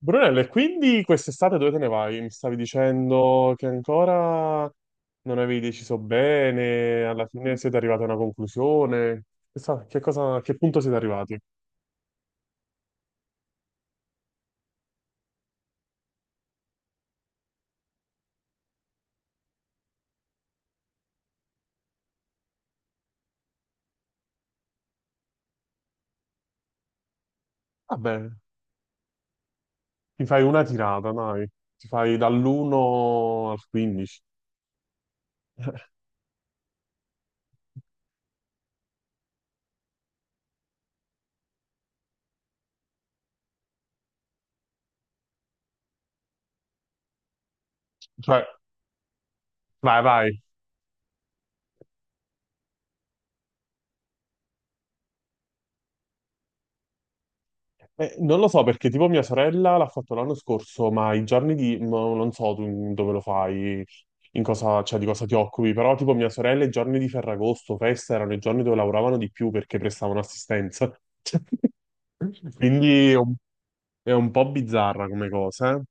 Brunello, e quindi quest'estate dove te ne vai? Mi stavi dicendo che ancora non avevi deciso bene, alla fine siete arrivati a una conclusione. Che cosa, a che punto siete arrivati? Vabbè, ti fai una tirata, dai. Ti fai dall'1 al 15. Cioè, vai, vai. Non lo so perché tipo mia sorella l'ha fatto l'anno scorso, ma i giorni di... no, non so tu in- dove lo fai, in cosa, cioè, di cosa ti occupi, però tipo mia sorella i giorni di Ferragosto, festa, erano i giorni dove lavoravano di più perché prestavano assistenza. Quindi è un, è un po' bizzarra come cosa, eh.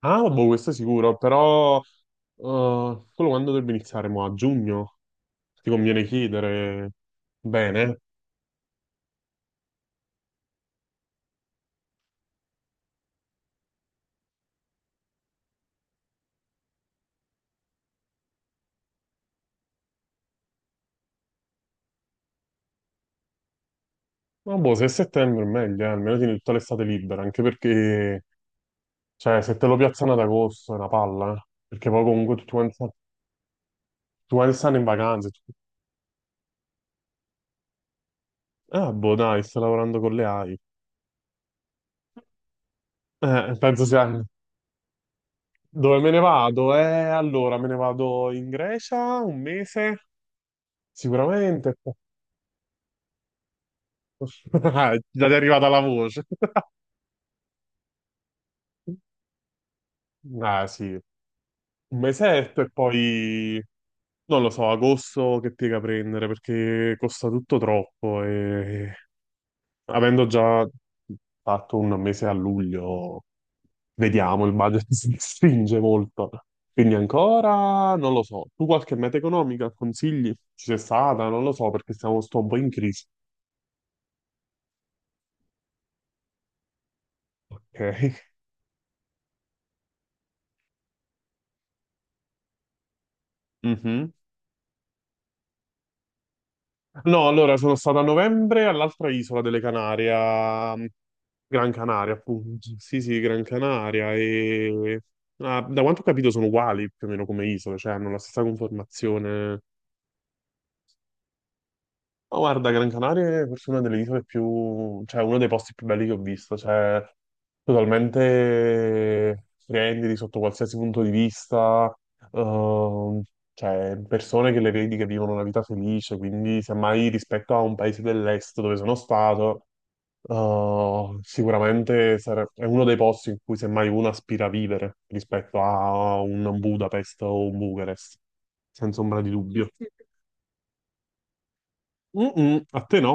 Ah, boh, questo è sicuro, però quello quando dovrebbe iniziare? Mo' a giugno? Ti conviene chiedere bene? Ma boh, se è settembre è meglio, almeno tieni tutta l'estate libera, anche perché... Cioè, se te lo piazzano ad agosto è una palla, eh. Perché poi comunque tutti quanti stanno in vacanze. Tutti... Ah, boh, dai, sto lavorando con le AI. Penso sia... Dove me ne vado? Allora, me ne vado in Grecia un mese, sicuramente. Già ti è arrivata la voce. Ah, sì, un mesetto e poi... Non lo so, agosto che piega prendere perché costa tutto troppo e avendo già fatto un mese a luglio, vediamo, il budget si stringe molto. Quindi ancora non lo so. Tu qualche meta economica consigli? Ci sei stata? Non lo so perché stiamo sto un po' in crisi. Ok. Mhm. No, allora sono stato a novembre all'altra isola delle Canarie, a Gran Canaria, appunto. Sì, sì, Gran Canaria. E ah, da quanto ho capito sono uguali più o meno come isole, cioè hanno la stessa conformazione. Ma guarda, Gran Canaria è forse una delle isole più, cioè uno dei posti più belli che ho visto, cioè totalmente splendidi sotto qualsiasi punto di vista, ehm, cioè persone che le vedi che vivono una vita felice, quindi semmai rispetto a un paese dell'est dove sono stato, è uno dei posti in cui semmai uno aspira a vivere rispetto a un Budapest o un Bucarest, senza ombra di dubbio. Mm-mm, a te no?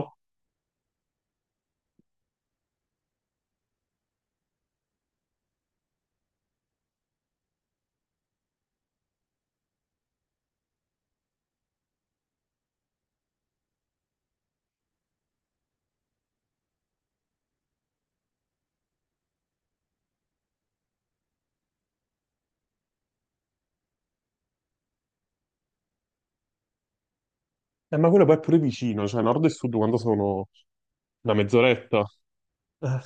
Ma quello poi è pure vicino, cioè nord e sud quando sono una mezz'oretta. Eh,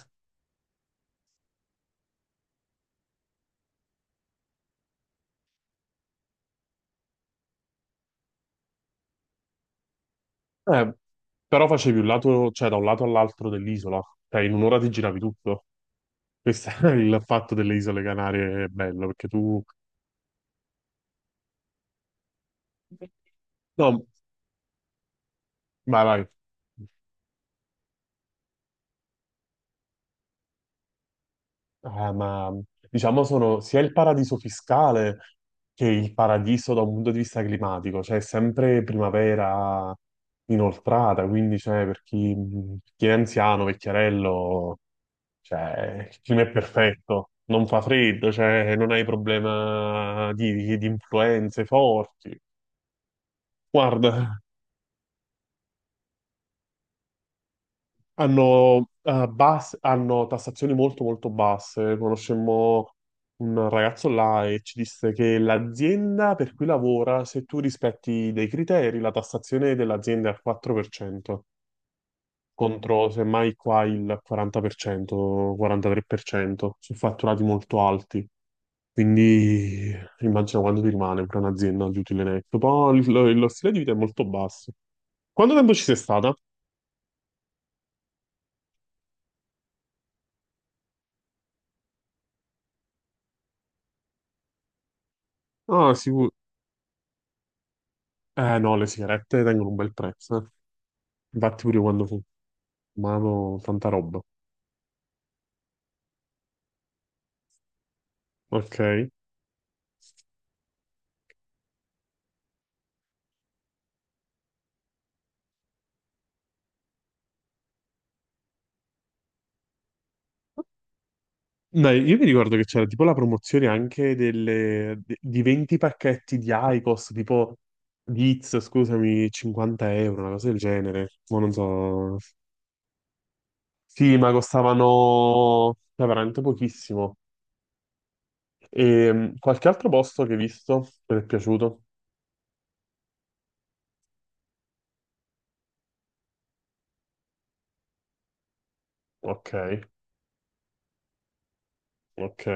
eh, però facevi un lato, cioè da un lato all'altro dell'isola, cioè in un'ora ti giravi tutto. Questo è il fatto delle isole Canarie, è bello, perché tu... No, vai, vai. Ma diciamo sono sia il paradiso fiscale che il paradiso da un punto di vista climatico, cioè è sempre primavera inoltrata, quindi cioè, chi è anziano, vecchiarello. Cioè, il clima è perfetto, non fa freddo, cioè, non hai problema di influenze forti. Guarda, hanno tassazioni molto basse. Conoscemmo un ragazzo là e ci disse che l'azienda per cui lavora, se tu rispetti dei criteri, la tassazione dell'azienda è al 4%, contro semmai qua il 40%, 43%, su fatturati molto alti. Quindi immagino quanto ti rimane per un'azienda di utile netto. Poi lo stile di vita è molto basso. Quanto tempo ci sei stata? Ah, sicuro. Eh no, le sigarette tengono un bel prezzo, eh. Infatti pure io quando fumavo tanta roba. Ok. Dai, io mi ricordo che c'era tipo la promozione di 20 pacchetti di IQOS, tipo di Iz, scusami, 50 euro, una cosa del genere. Ma non so. Sì, ma costavano, cioè, veramente pochissimo. E qualche altro posto che hai visto? Che ti è piaciuto? Ok, ok.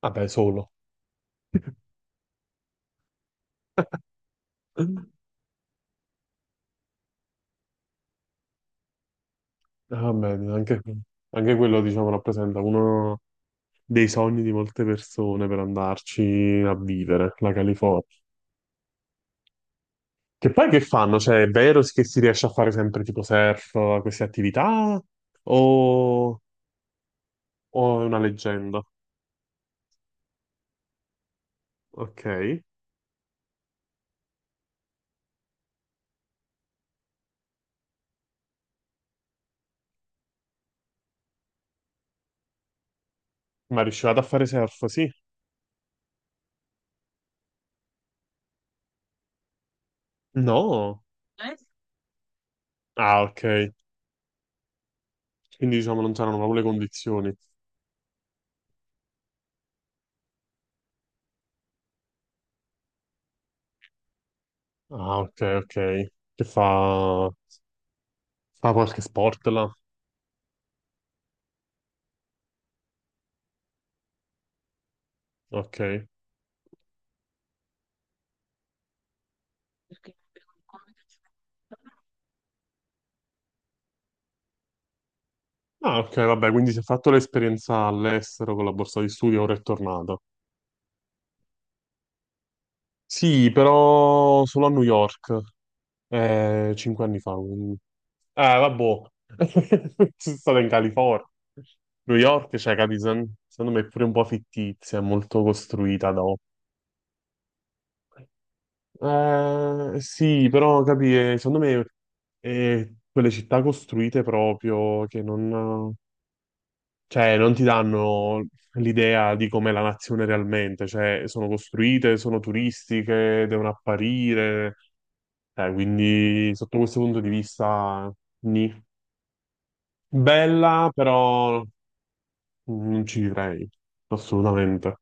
Vabbè, solo. Va bene, anche quello, diciamo, rappresenta uno dei sogni di molte persone per andarci a vivere, la California. Che poi che fanno? Cioè, è vero che si riesce a fare sempre tipo surf, queste attività? O, o è una leggenda? Ok. Ma riuscivate a fare surf? Sì. No. Eh? Ah, ok. Quindi diciamo non c'erano proprio le condizioni. Ah, ok, ok. Che fa... fa qualche sport là? Ok. Perché come che ci... Ah, ok, vabbè, quindi si è fatto l'esperienza all'estero con la borsa di studio, ora è tornato. Sì, però solo a New York. Cinque anni fa, quindi. Ah, vabbè. Sono stato in California. New York, cioè, capi, secondo me è pure un po' fittizia, è molto costruita dopo. Sì, però, capi, secondo me è quelle città costruite proprio che non, cioè, non ti danno l'idea di com'è la nazione realmente, cioè, sono costruite, sono turistiche, devono apparire, quindi sotto questo punto di vista... nì. Bella, però non ci vivrei, assolutamente.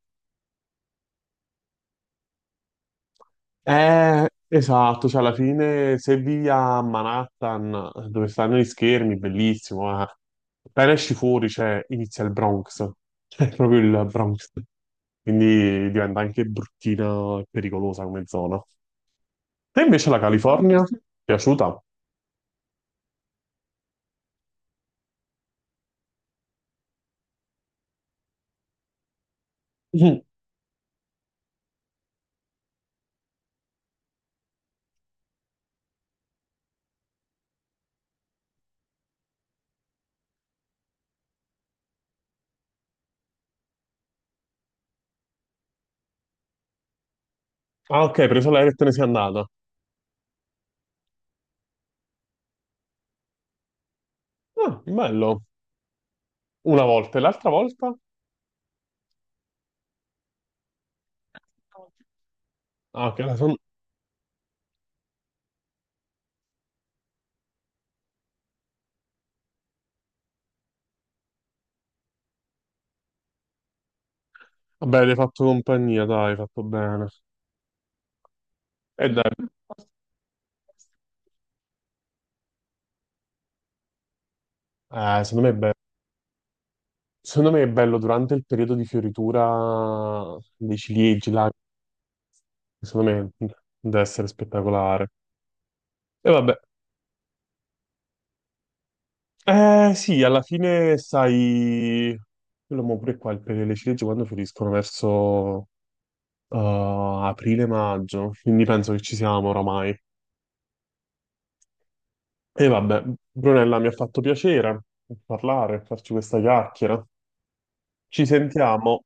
Esatto, cioè alla fine se vivi a Manhattan, dove stanno gli schermi, bellissimo, eh. Appena esci fuori, cioè, inizia il Bronx, è proprio il Bronx, quindi diventa anche bruttina e pericolosa come zona. E invece la California? Piaciuta? Mhm. Ah, ok, hai preso l'aereo e te ne sei andata. Ah, bello. Una volta e l'altra volta? Ah, ok. Vabbè, ti hai fatto compagnia, dai, hai fatto bene. E dai, secondo me è bello. Secondo me è bello durante il periodo di fioritura dei ciliegi, là, secondo me deve essere spettacolare. E vabbè, eh sì, alla fine sai, quello mo pure qua, il periodo delle ciliegie quando fioriscono verso eh, aprile-maggio, quindi penso che ci siamo oramai. E vabbè, Brunella, mi ha fatto piacere parlare, farci questa chiacchiera. Ci sentiamo.